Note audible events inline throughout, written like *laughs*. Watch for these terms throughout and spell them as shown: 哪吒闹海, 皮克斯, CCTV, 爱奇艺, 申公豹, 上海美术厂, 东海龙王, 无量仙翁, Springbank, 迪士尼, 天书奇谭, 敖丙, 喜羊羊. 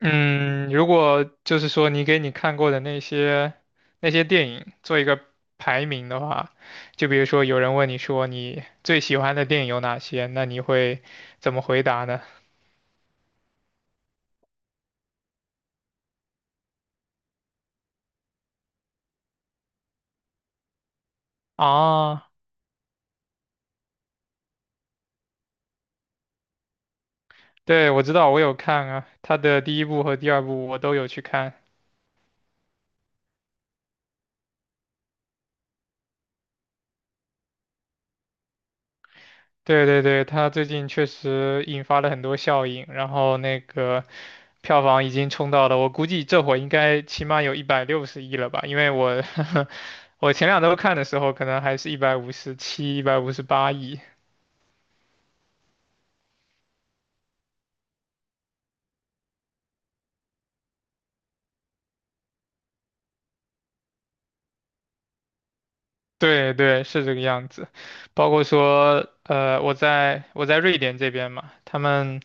嗯，如果就是说你给你看过的那些电影做一个排名的话，就比如说有人问你说你最喜欢的电影有哪些，那你会怎么回答呢？啊，对，我知道，我有看啊，他的第一部和第二部我都有去看。对对对，它最近确实引发了很多效应，然后那个票房已经冲到了，我估计这会儿应该起码有160亿了吧？因为我 *laughs* 我前两周看的时候，可能还是157、158亿。对对，是这个样子。包括说，我在瑞典这边嘛，他们，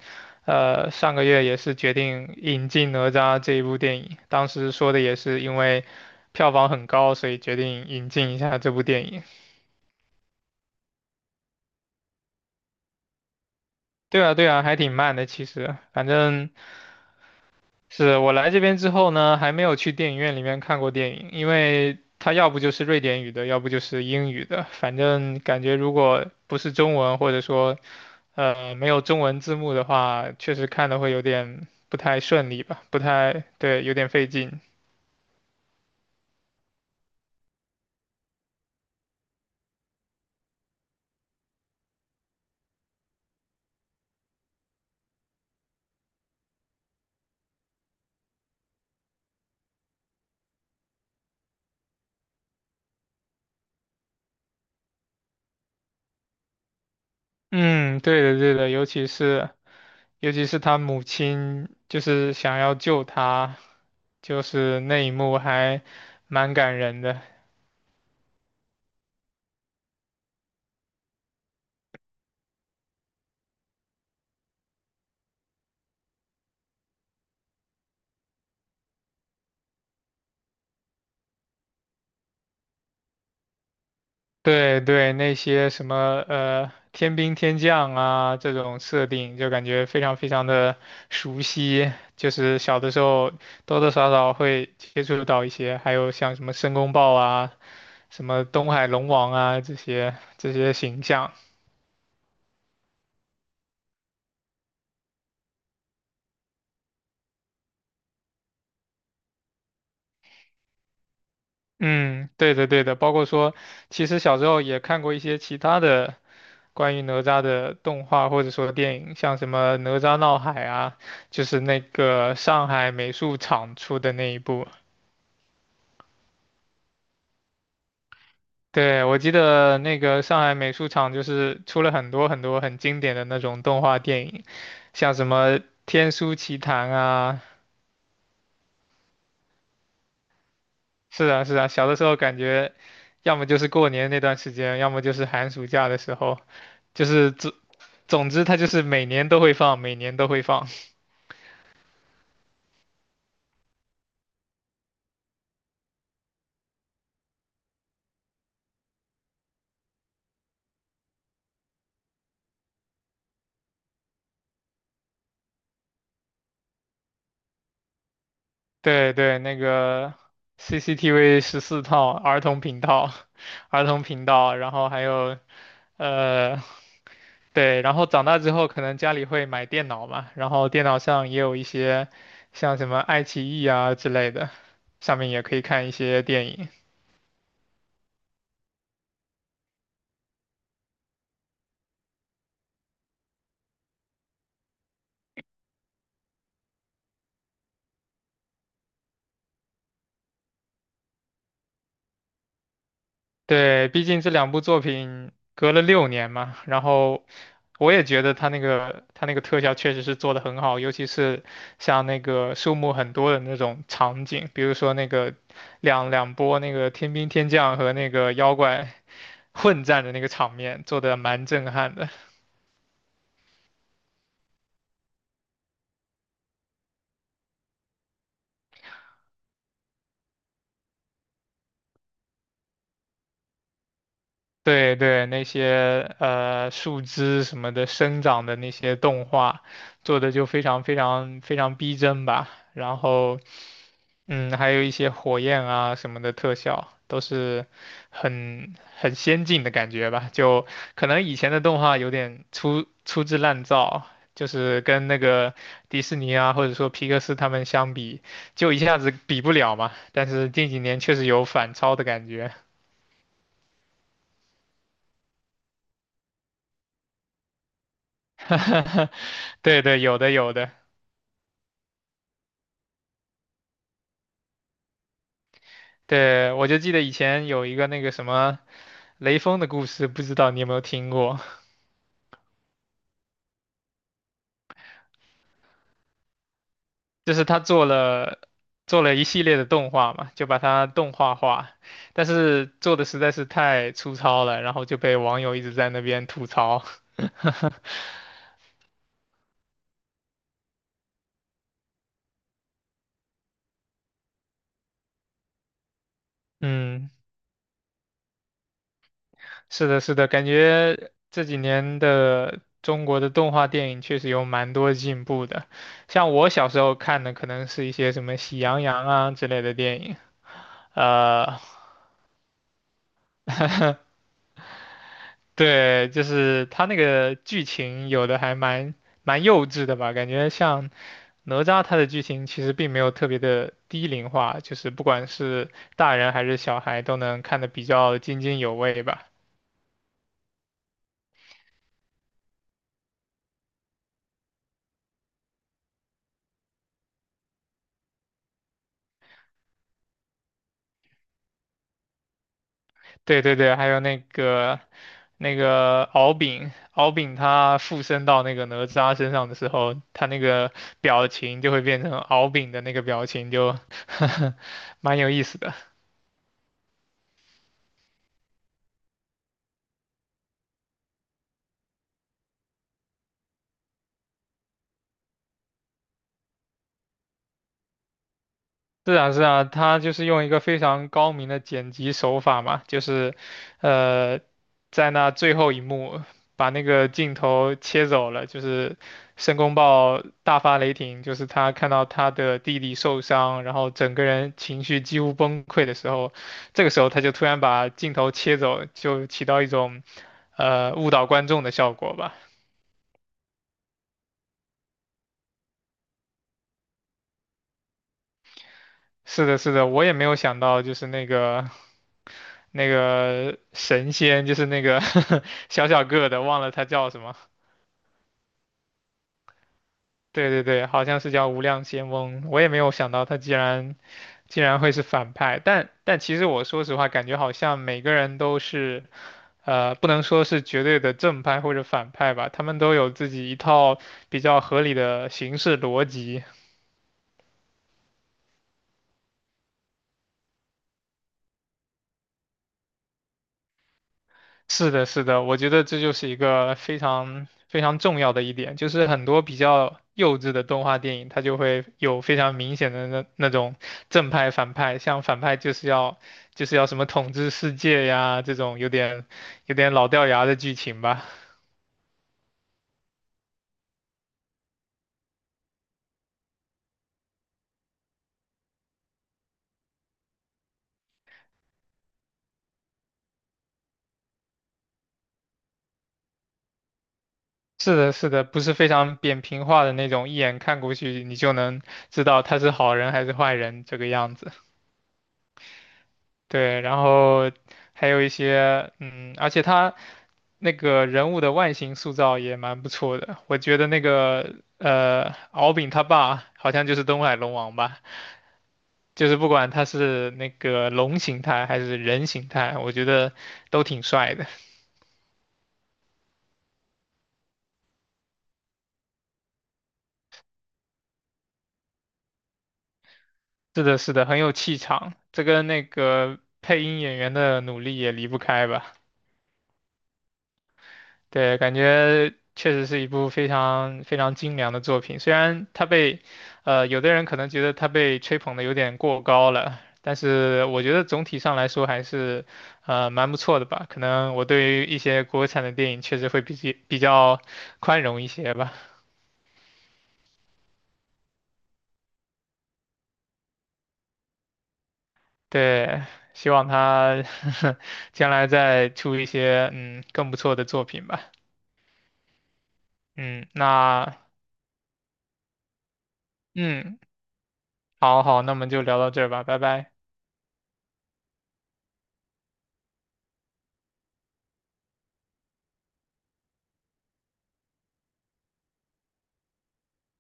上个月也是决定引进《哪吒》这一部电影。当时说的也是因为票房很高，所以决定引进一下这部电影。对啊，对啊，还挺慢的。其实，反正是我来这边之后呢，还没有去电影院里面看过电影，因为它要不就是瑞典语的，要不就是英语的。反正感觉如果不是中文，或者说没有中文字幕的话，确实看的会有点不太顺利吧，不太，对，有点费劲。嗯，对的，对的，尤其是他母亲就是想要救他，就是那一幕还蛮感人的。对对，那些什么天兵天将啊这种设定，就感觉非常非常的熟悉，就是小的时候多多少少会接触到一些，还有像什么申公豹啊、什么东海龙王啊这些形象。嗯，对的对的，包括说，其实小时候也看过一些其他的关于哪吒的动画或者说电影，像什么《哪吒闹海》啊，就是那个上海美术厂出的那一部。对，我记得那个上海美术厂就是出了很多很多很经典的那种动画电影，像什么《天书奇谭》啊，是啊是啊，小的时候感觉，要么就是过年那段时间，要么就是寒暑假的时候，就是总之它就是每年都会放，每年都会放。对对，那个 CCTV 14套儿童频道，*laughs* 儿童频道，然后还有呃，对，然后长大之后可能家里会买电脑嘛，然后电脑上也有一些像什么爱奇艺啊之类的，上面也可以看一些电影。对，毕竟这两部作品隔了6年嘛，然后我也觉得他那个特效确实是做得很好，尤其是像那个树木很多的那种场景，比如说那个两波那个天兵天将和那个妖怪混战的那个场面，做得蛮震撼的。对对，那些树枝什么的生长的那些动画，做的就非常非常非常逼真吧。然后还有一些火焰啊什么的特效，都是很先进的感觉吧。就可能以前的动画有点粗制滥造，就是跟那个迪士尼啊，或者说皮克斯他们相比，就一下子比不了嘛。但是近几年确实有反超的感觉。*laughs* 对对，有的有的。对，我就记得以前有一个那个什么雷锋的故事，不知道你有没有听过？就是他做了一系列的动画嘛，就把它动画化，但是做的实在是太粗糙了，然后就被网友一直在那边吐槽。*laughs* 嗯，是的，是的，感觉这几年的中国的动画电影确实有蛮多进步的。像我小时候看的，可能是一些什么《喜羊羊》啊之类的电影，呃，对，就是他那个剧情有的还蛮幼稚的吧，感觉像哪吒他的剧情其实并没有特别的低龄化，就是不管是大人还是小孩都能看得比较津津有味吧。对对对，还有那个敖丙，敖丙他附身到那个哪吒身上的时候，他那个表情就会变成敖丙的那个表情就，*laughs* 蛮有意思的。是啊，是啊，他就是用一个非常高明的剪辑手法嘛，就是，呃，在那最后一幕把那个镜头切走了，就是申公豹大发雷霆，就是他看到他的弟弟受伤，然后整个人情绪几乎崩溃的时候，这个时候他就突然把镜头切走，就起到一种，误导观众的效果吧。是的，是的，我也没有想到，就是那个。那个神仙，就是那个 *laughs* 小小个的，忘了他叫什么。对对对，好像是叫无量仙翁。我也没有想到他竟然会是反派，但其实我说实话，感觉好像每个人都是不能说是绝对的正派或者反派吧，他们都有自己一套比较合理的行事逻辑。是的，是的，我觉得这就是一个非常非常重要的一点，就是很多比较幼稚的动画电影，它就会有非常明显的那种正派反派，像反派就是要什么统治世界呀，这种有点老掉牙的剧情吧。是的，是的，不是非常扁平化的那种，一眼看过去你就能知道他是好人还是坏人这个样子。对，然后还有一些，而且他那个人物的外形塑造也蛮不错的。我觉得那个敖丙他爸好像就是东海龙王吧，就是不管他是那个龙形态还是人形态，我觉得都挺帅的。是的，是的，很有气场，这跟那个配音演员的努力也离不开吧。对，感觉确实是一部非常非常精良的作品。虽然它被，有的人可能觉得它被吹捧的有点过高了，但是我觉得总体上来说还是，蛮不错的吧。可能我对于一些国产的电影确实会比较宽容一些吧。对，希望他 *laughs* 将来再出一些更不错的作品吧。嗯，那嗯，好好，那我们就聊到这儿吧，拜拜。